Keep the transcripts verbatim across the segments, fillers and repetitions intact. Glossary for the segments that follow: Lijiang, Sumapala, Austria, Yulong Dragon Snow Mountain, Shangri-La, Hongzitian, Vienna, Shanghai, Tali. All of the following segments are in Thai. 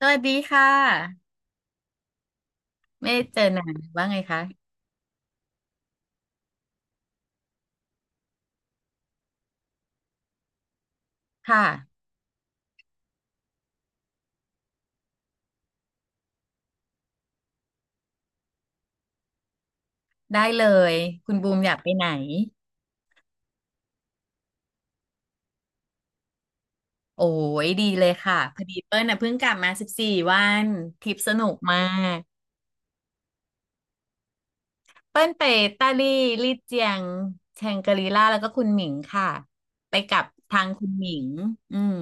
สวัสดีค่ะไม่ได้เจอนานว่าไงคะค่ะได้เลยคุณบูมอยากไปไหนโอ้ยดีเลยค่ะพอดีเปิ้ลน่ะเพิ่งกลับมาสิบสี่วันทริปสนุกมากเปิ้ลไปตาลี่ลี่เจียงแชงกรีล่าแล้วก็คุณหมิงค่ะไปกับทางคุณหมิงอืม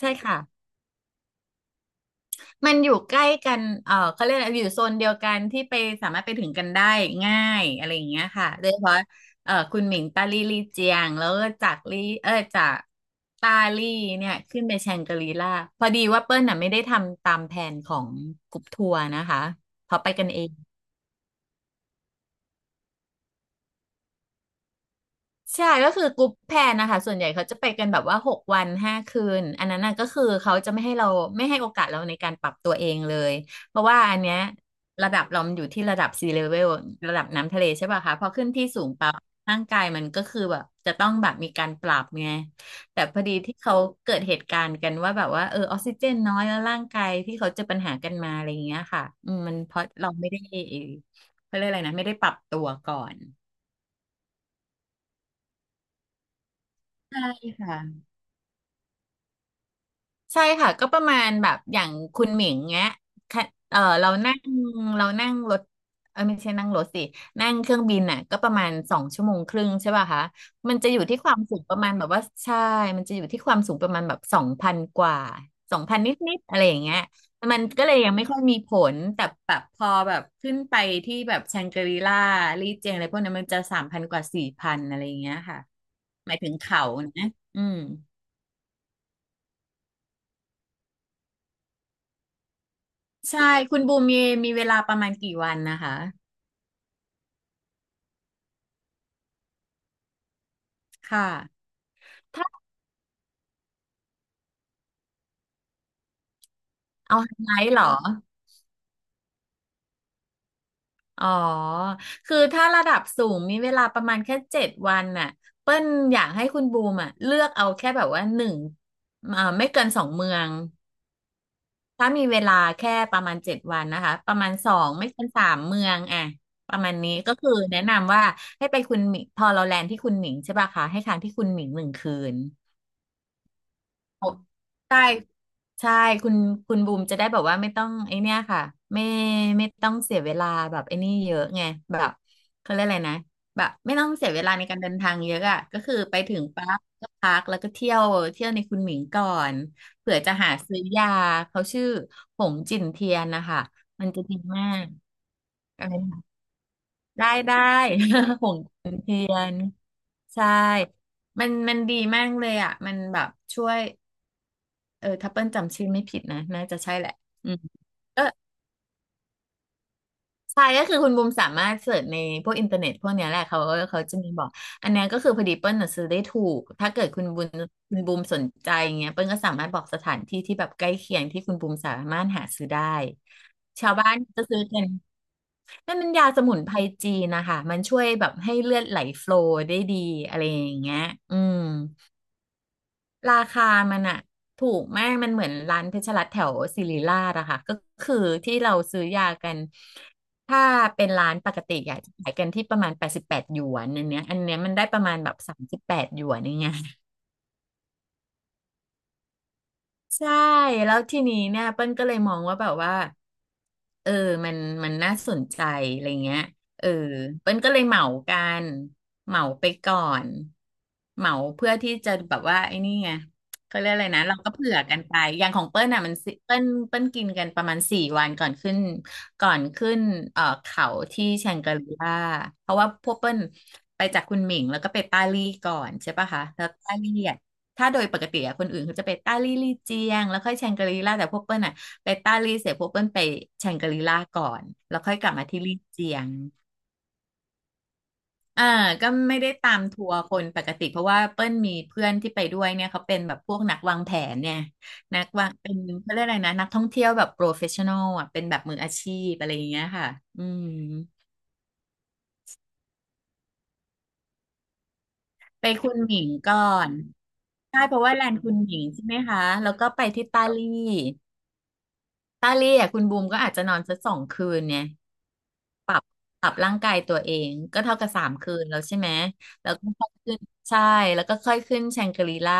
ใช่ค่ะ มันอยู่ใกล้กันเออเขาเรียกอะไรอยู่โซนเดียวกันที่ไปสามารถไปถึงกันได้ง่ายอะไรอย่างเงี้ยค่ะโดยเฉพาะเออคุณหมิงตาลี่ลี่เจียงแล้วก็จากลี่เออจากตาลี่เนี่ยขึ้นไปแชงกรีล่าพอดีว่าเปิ้ลน่ะไม่ได้ทำตามแผนของกลุ่มทัวร์นะคะเขาไปกันเอง ใช่ก็คือกรุ๊ปแพลนนะคะส่วนใหญ่เขาจะไปกันแบบว่าหกวันห้าคืนอันนั้นน่ะก็คือเขาจะไม่ให้เราไม่ให้โอกาสเราในการปรับตัวเองเลยเพราะว่าอันเนี้ยระดับเรามันอยู่ที่ระดับซีเลเวลระดับน้ำทะเลใช่ป่ะคะพอขึ้นที่สูงปั๊บร่างกายมันก็คือแบบจะต้องแบบมีการปรับไงแต่พอดีที่เขาเกิดเหตุการณ์กันว่าแบบว่าเออออกซิเจนน้อยแล้วร่างกายที่เขาเจอปัญหากันมาอะไรอย่างเงี้ยค่ะอืมมันเพราะเราไม่ได้เขาเรียกอะไรนะไม่ได้ปรับตัวก่อนใช่ค่ะ ใช่ค่ะก็ประมาณแบบอย่างคุณหมิงเงี้ยค่ะเออเรานั่งเรานั่งรถเออไม่ใช่นั่งรถสินั่งเครื่องบินน่ะก็ประมาณสองชั่วโมงครึ่งใช่ป่ะคะมันจะอยู่ที่ความสูงประมาณแบบว่าใช่มันจะอยู่ที่ความสูงประมาณแบบสองพันกว่าสองพันนิดๆอะไรอย่างเงี้ยมันก็เลยยังไม่ค่อยมีผลแต่แบบพอแบบขึ้นไปที่แบบแชงกรีล่าลี่เจียงอะไรพวกนั้นมันจะสามพันกว่าสี่พันอะไรอย่างเงี้ยค่ะหมายถึงเขานะอืม ใช่คุณบูมมีมีเวลาประมาณกี่วันนะคะค่ะถ้าเอาไฮไลท์เหรออ๋อคือถ้าระดับสูงมีเวลาประมาณแค่เจ็ดวันน่ะเปิ้ลอยากให้คุณบูมอ่ะเลือกเอาแค่แบบว่าหนึ่งเอ่อไม่เกินสองเมืองถ้ามีเวลาแค่ประมาณเจ็ดวันนะคะประมาณสองไม่เกินสามเมืองอ่ะประมาณนี้ก็คือแนะนำว่าให้ไปคุณหมิงพอเราแลนด์ที่คุณหมิงใช่ป่ะคะให้ค้างที่คุณหมิงหนึ่งคืน โอ้ใช่ใช่คุณคุณบูมจะได้แบบว่าไม่ต้องไอเนี้ยค่ะไม่ไม่ต้องเสียเวลาแบบไอ้นี่เยอะไงแบบเขาเรียกอะไรนะแบบไม่ต้องเสียเวลาในการเดินทางเยอะอ่ะก็คือไปถึงปั๊บก็พักแล้วก็เที่ยวเที่ยวในคุณหมิงก่อนเผื่อจะหาซื้อยาเขาชื่อหงจิ่นเทียนนะคะมันจะดีมากอะไรนะได้ได้ หงจิ่นเทียนใช่มันมันดีมากเลยอ่ะมันแบบช่วย เออถ้าเปิ้ลจำชื่อไม่ผิดนะน่าจะใช่แหละอืมก็ใช่ก็คือคุณบูมสามารถเสิร์ชในพวกอินเทอร์เน็ตพวกเนี้ยแหละเขาเขาจะมีบอกอันเนี้ยก็คือพอดีเปิ้ลน่ะซื้อได้ถูกถ้าเกิดคุณบุมคุณบูมสนใจอย่างเงี้ยเปิ้ลก็สามารถบอกสถานที่ที่แบบใกล้เคียงที่คุณบูมสามารถหาซื้อได้ชาวบ้านจะซื้อกันนั่นมันยาสมุนไพรจีนนะคะมันช่วยแบบให้เลือดไหลโฟลว์ได้ดีอะไรอย่างเงี้ยอืม ราคามันอะถูกมากมันเหมือนร้านเพชรรัตน์แถวศิริราชอะค่ะก็คือที่เราซื้อยากันถ้าเป็นร้านปกติอะจะขายกันที่ประมาณแปดสิบแปดหยวนอันเนี้ยอันเนี้ยมันได้ประมาณแบบสามสิบแปดหยวนอย่างเงี้ย ใช่แล้วทีนี้เนี่ยเปิ้ลก็เลยมองว่าแบบว่าเออมันมันน่าสนใจอะไรเงี้ยเออเปิ้ลก็เลยเหมากันเหมาไปก่อนเหมาเพื่อที่จะแบบว่าไอ้นี่ไงเขาเรียกอะไรนะเราก็เผื่อกันไปอย่างของเปิ้ลน่ะมันสิเปิ้ลเปิ้ลกินกันประมาณสี่วันก่อนขึ้นก่อนขึ้นเอ่อเขาที่แชงกรีล่าเพราะว่าพวกเปิ้ลไปจากคุณหมิงแล้วก็ไปปาลี่ก่อนใช่ปะคะแล้วปาลี่อะ ถ้าโดยปกติอะคนอื่นเขาจะไปต้าลี่ลี่เจียงแล้วค่อยแชงกรีล่าแต่พวกเปิ้ลอะไปต้าลี่เสร็จพวกเปิ้ลไปแชงกรีล่าก่อนแล้วค่อยกลับมาที่ลี่เจียงอ่าก็ไม่ได้ตามทัวร์คนปกติเพราะว่าเปิ้ลมีเพื่อนที่ไปด้วยเนี่ยเขาเป็นแบบพวกนักวางแผนเนี่ยนักวางเป็นเขาเรียกอะไรนะนักท่องเที่ยวแบบโปรเฟชชั่นอลอ่ะเป็นแบบมืออาชีพอะไรอย่างเงี้ยค่ะอืมไปคุณหมิงก่อนใช่เพราะว่าแลนด์คุณหมิงใช่ไหมคะแล้วก็ไปที่ตาลี่ ตาลี่อ่ะคุณบูมก็อาจจะนอนสักสองคืนเนี่ยปรับร่างกายตัวเองก็เท่ากับสามคืนแล้วใช่ไหมแล้วก็ค่อยขึ้นใช่แล้วก็ค่อยขึ้นแชงกรีล่า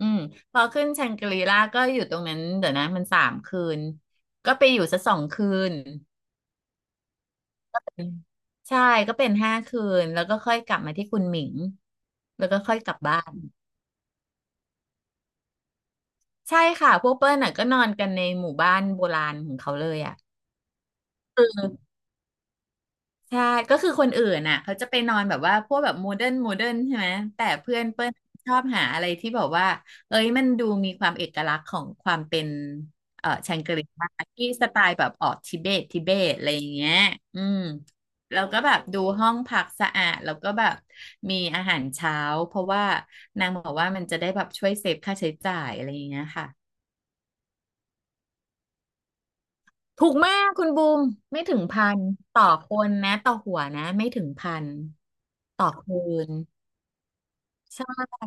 อืมพอขึ้นแชงกรีล่าก็อยู่ตรงนั้นเดี๋ยวนะมันสามคืนก็ไปอยู่สักสองคืนใช่ก็เป็นห้าคืนแล้วก็ค่อยกลับมาที่คุณหมิงแล้วก็ค่อยกลับบ้านใช่ค่ะพวกเปิ้ลน่ะก็นอนกันในหมู่บ้านโบราณของเขาเลยอ่ะคือ ใช่ก็คือคนอื่นน่ะเขาจะไปนอนแบบว่าพวกแบบโมเดิร์นโมเดิร์นใช่ไหมแต่เพื่อนเปิ้ลชอบหาอะไรที่แบบว่าเอ้ยมันดูมีความเอกลักษณ์ของความเป็นเอ่อแชงกรีล่าที่สไตล์แบบออกทิเบตทิเบตอะไรอย่างเงี้ยอืมแล้วก็แบบดูห้องพักสะอาดแล้วก็แบบมีอาหารเช้าเพราะว่านางบอกว่ามันจะได้แบบช่วยเซฟค่าใช้จ่ายอะไรอย่างเงี้ยค่ะ ถูกมากคุณบูมไม่ถึงพันต่อคนนะต่อหัวนะไม่ถึงพันต่อคืนใช่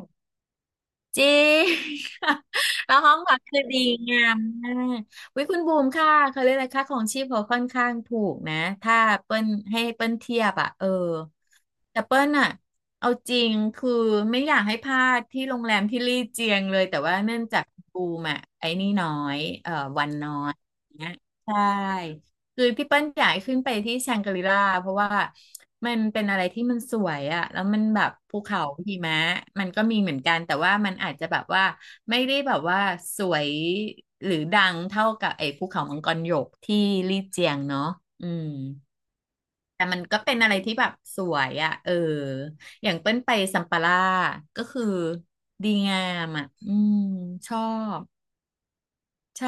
จริง แล้วห้องพักคือดีงามมากวิคุณบูมค่ะเขาเรียกอะไรค่าของชีพเขาค่อนข้างถูกนะถ้าเปิ้ลให้เปิ้ลเทียบอ่ะเออแต่เปิ้ลอ่ะเอาจริงคือไม่อยากให้พลาดที่โรงแรมที่ลี่เจียงเลยแต่ว่าเนื่องจากบูมอ่ะไอ้นี่น้อยเอ่อวันน้อย ใช่คือพี่เปิ้ลอยากให้ขึ้นไปที่แชงกรีลาเพราะว่ามันเป็นอะไรที่มันสวยอะแล้วมันแบบภูเขาหิมะมันก็มีเหมือนกันแต่ว่ามันอาจจะแบบว่าไม่ได้แบบว่าสวยหรือดังเท่ากับไอ้ภูเขามังกรหยกที่ลี่เจียงเนาะอืมแต่มันก็เป็นอะไรที่แบบสวยอะเอออย่างเปิ้ลไปซัมปาล่าก็คือดีงามอะอืมชอบใช่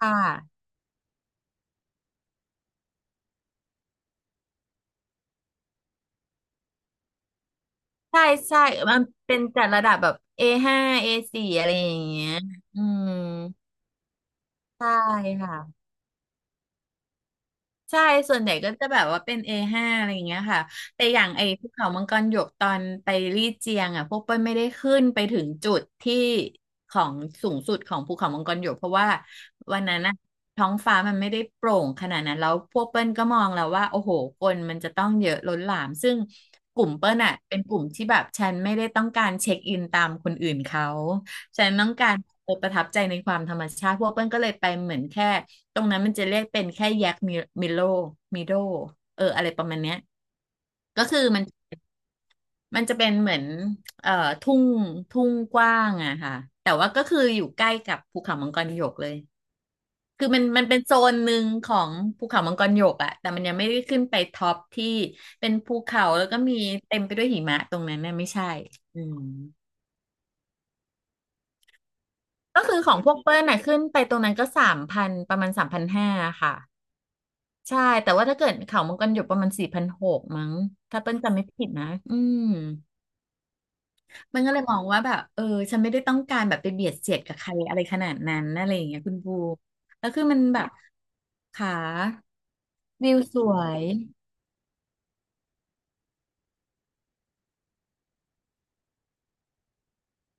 ค่ะ ใช่ใช่ มันเป็นจัดระดับแบบ เอ ห้า เอ สี่อะไรอย่างเงี้ยอืมใช่ค่ะ ใช่ส่วนใหญ่ก็จะแบบว่าเป็น เอ ห้า อห้าอะไรอย่างเงี้ยค่ะแต่อย่างไอ้ภูเขามังกรหยกตอนไปลี่เจียงอ่ะพวกเปิ้ลไม่ได้ขึ้นไปถึงจุดที่ของสูงสุดของภูเขามังกรหยกเพราะว่าวันนั้นนะท้องฟ้ามันไม่ได้โปร่งขนาดนั้นแล้วพวกเปิ้ลก็มองแล้วว่าโอ้โหคนมันจะต้องเยอะล้นหลามซึ่งกลุ่มเปิ้ลอ่ะเป็นกลุ่มที่แบบฉันไม่ได้ต้องการเช็คอินตามคนอื่นเขาฉันต้องการเออประทับใจในความธรรมชาติพวกเปิ้ลก็เลยไปเหมือนแค่ ตรงนั้นมันจะเรียกเป็นแค่แยกมิมิโลมิโดเอออะไรประมาณเนี้ยก็คือมันมันจะเป็นเหมือนเอ่อทุ่งทุ่งกว้างอะค่ะแต่ว่าก็คืออยู่ใกล้กับภูเขามังกรหยกเลยคือมันมันเป็นโซนหนึ่งของภูเขามังกรหยกอะแต่มันยังไม่ได้ขึ้นไปท็อปที่เป็นภูเขาแล้วก็มีเต็มไปด้วยหิมะตรงนั้นน่ะไม่ใช่อืมก็คือของพวกเปิ้ลน่ะขึ้นไปตรงนั้นก็สามพันประมาณสามพันห้าค่ะ ใช่แต่ว่าถ้าเกิดเขามังกรหยกประมาณสี่พันหกมั้งถ้าเปิ้ลจำไม่ผิดนะ อืม มันก็เลยมองว่าแบบเออฉันไม่ได้ต้องการแบบไปเบียดเสียดกับใครอะไรขนาดนั้นอะไรอย่างเงี้ยคุณบูแล้วคือมันแบบขาวิวสวย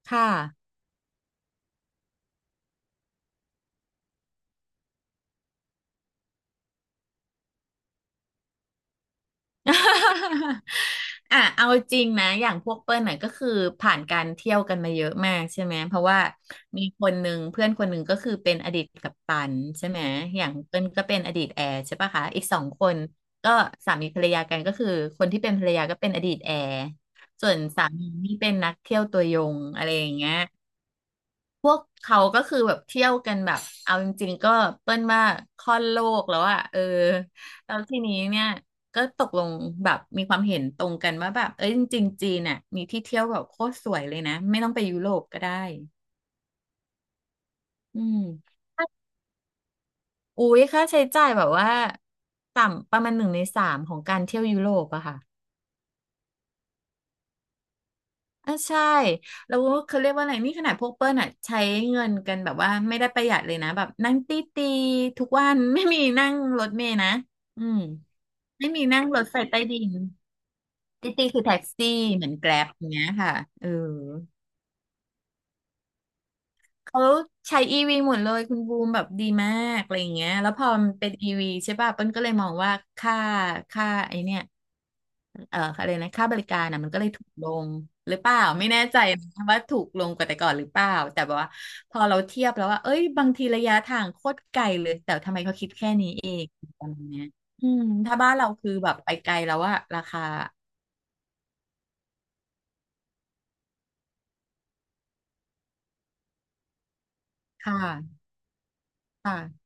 ค่ะ อ่ะเอาจริงนะอย่างพวกเปิ้ลน่ะก็คือผ่านการเที่ยวกันมาเยอะมากใช่ไหมเพราะว่ามีคนหนึ่งเพื่อนคนหนึ่งก็คือเป็นอดีตกัปตันใช่ไหมอย่างเปิ้ลก็เป็นอดีตแอร์ใช่ปะคะอีกสองคนก็สามีภรรยากันก็คือคนที่เป็นภรรยาก็เป็นอดีตแอร์สามีนี่เป็นนักเที่ยวตัวยงอะไรอย่างเงี้ย พวกเขาก็คือแบบเที่ยวกันแบบเอาจริงๆก็เปิ้ลว่าค่อนโลกแล้วอะเออแล้วทีนี้เนี่ยก็ตกลงแบบมีความเห็นตรงกันว่าแบบเอ้ยจริงๆจีนน่ะมีที่เที่ยวแบบโคตรสวยเลยนะไม่ต้องไปยุโรปก็ได้อืมอุ้ยค่าใช้จ่ายแบบว่าต่ำประมาณหนึ่งในสามของการเที่ยวยุโรปอะค่ะ อ่ะใช่แล้วเขาเรียกว่าอะไรนี่ขนาดพวกเปิ้ลอ่ะใช้เงินกันแบบว่าไม่ได้ประหยัดเลยนะแบบนั่งตีตีทุกวัน ไม่มีนั่งรถเมล์นะอืมไม่มีนั่งรถไฟใต้ดินตีตีคือแท็กซี่เหมือนแกร็บอย่างเงี้ยค่ะเออ เขาใช้อีวีหมดเลยคุณบูมแบบดีมากอะไรอย่างเงี้ยแล้วพอมันเป็นอีวีใช่ป่ะเปิ้ลก็เลยมองว่าค่าค่าไอเนี่ยเอ่ออะไรนะค่าบริการนะมันก็เลยถูกลงหรือเปล่าไม่แน่ใจนะว่าถูกลงกว่าแต่ก่อนหรือเปล่าแต่แบบว่าพอเราเทียบแล้วว่าเอ้ยบางทีระยะทางโคตรไกลเลยแต่ทำไมเขาคิดแค่นี้เองประมาณเนี้ยอืมถ้าบ้านเราคือแบบไปไกลแล้วอะราคาค่ะค่ะ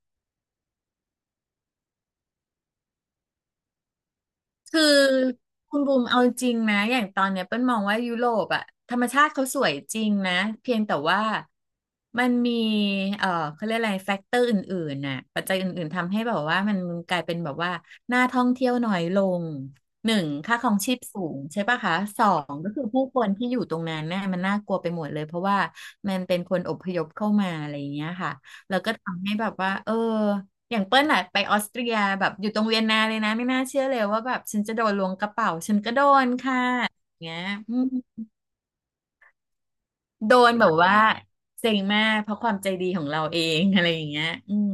คือคุณบูมเอาจริงนะอย่างตอนเนี้ยเปิ้ลมองว่ายุโรปอะธรรมชาติเขาสวยจริงนะเพียงแต่ว่ามันมีเอ่อเขาเรียกอะไรแฟกเตอร์อื่นๆน่ะปัจจัยอื่นๆทำให้แบบว่ามันกลายเป็นแบบว่าน่าท่องเที่ยวน้อยลงหนึ่งค่าครองชีพสูงใช่ปะคะสองก็คือผู้คนที่อยู่ตรงนั้นน่ะมันน่ากลัวไปหมดเลยเพราะว่ามันเป็นคนอพยพเข้ามาอะไรอย่างเงี้ยค่ะแล้วก็ทำให้แบบว่าเออ อย่างเปิ้ลน่ะไปออสเตรียแบบอยู่ตรงเวียนนาเลยนะไม่น่าเชื่อเลยว่าแบบฉันจะโดนล้วงกระเป๋าฉันก็โดนค่ะอย่างเงี้ยอืมโดนแบบว่าเซ็งมากเพราะความใจดีของเราเองอะไรอย่างเงี้ยอืม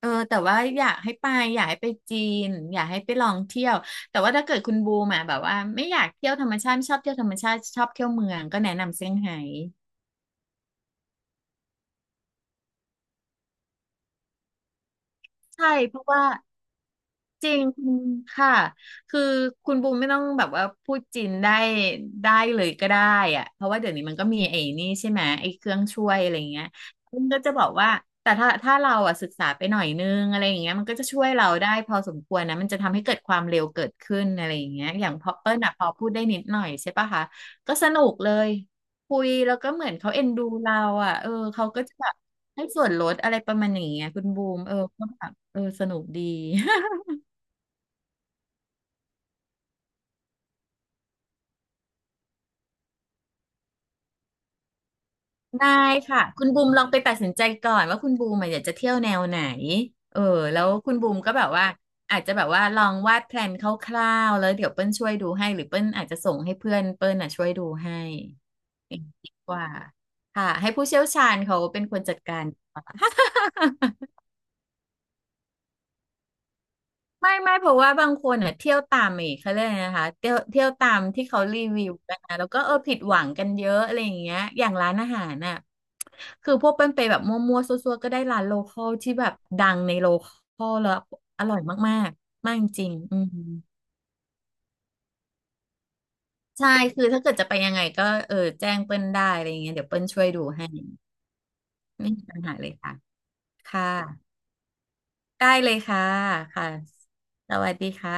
เออแต่ว่าอยากให้ไปอยากให้ไปจีนอยากให้ไปลองเที่ยวแต่ว่าถ้าเกิดคุณบูมาแบบว่าไม่อยากเที่ยวธรรมชาติไม่ชอบเที่ยวธรรมชาติชอบเที่ยวเมืองก็แนะนำเซี่ยงไฮ้ใช่เพราะว่า จริงค่ะคือคุณบูมไม่ต้องแบบว่าพูดจีนได้ได้เลยก็ได้อะเพราะว่าเดี๋ยวนี้มันก็มีไอ้นี่ใช่ไหมไอ้เครื่องช่วยอะไรเงี้ยมันก็จะบอกว่าแต่ถ้าถ้าเราอ่ะศึกษาไปหน่อยนึงอะไรอย่างเงี้ยมันก็จะช่วยเราได้พอสมควรนะมันจะทำให้เกิดความเร็วเกิดขึ้นอะไรอย่างเงี้ยอย่างพอเปิ้ลอ่ะพอพูดได้นิดหน่อยใช่ปะคะก็สนุกเลยคุยแล้วก็เหมือนเขาเอ็นดูเราอ่ะเออเขาก็จะแบบให้ส่วนลดอะไรประมาณอย่างเงี้ยคุณบูมเออก็แบบเออสนุกดี ได้ค่ะคุณบูมลองไปตัดสินใจก่อนว่าคุณบูมอะอยากจะเที่ยวแนวไหนเออแล้วคุณบูมก็แบบว่าอาจจะแบบว่าลองวาดแพลนคร่าวๆแล้วเดี๋ยวเปิ้ลช่วยดูให้หรือเปิ้ลอาจจะส่งให้เพื่อนเปิ้ลน่ะช่วยดูให้ดีกว่าค่ะให้ผู้เชี่ยวชาญเขาเป็นคนจัดการ ไม่ไม่เพราะว่าบางคนอ่ะเที่ยวตามอีกเขาเรียกอะไรนะคะเที่ยวเที่ยวตามที่เขารีวิวกันนะแล้วก็เออผิดหวังกันเยอะอะไรอย่างเงี้ยอย่างร้านอาหารน่ะคือพวกเป็นไปแบบมั่วๆซั่วๆก็ได้ร้านโลคอลที่แบบดังในโลคอลแล้วอร่อยมากๆมากจริงๆอืมใช่คือถ้าเกิดจะไปยังไงก็เออแจ้งเปิ้ลได้อะไรอย่างเงี้ยเดี๋ยวเปิ้ลช่วยดูให้ไม่มีปัญหาเลยค่ะค่ะได้เลยค่ะค่ะสวัสดีค่ะ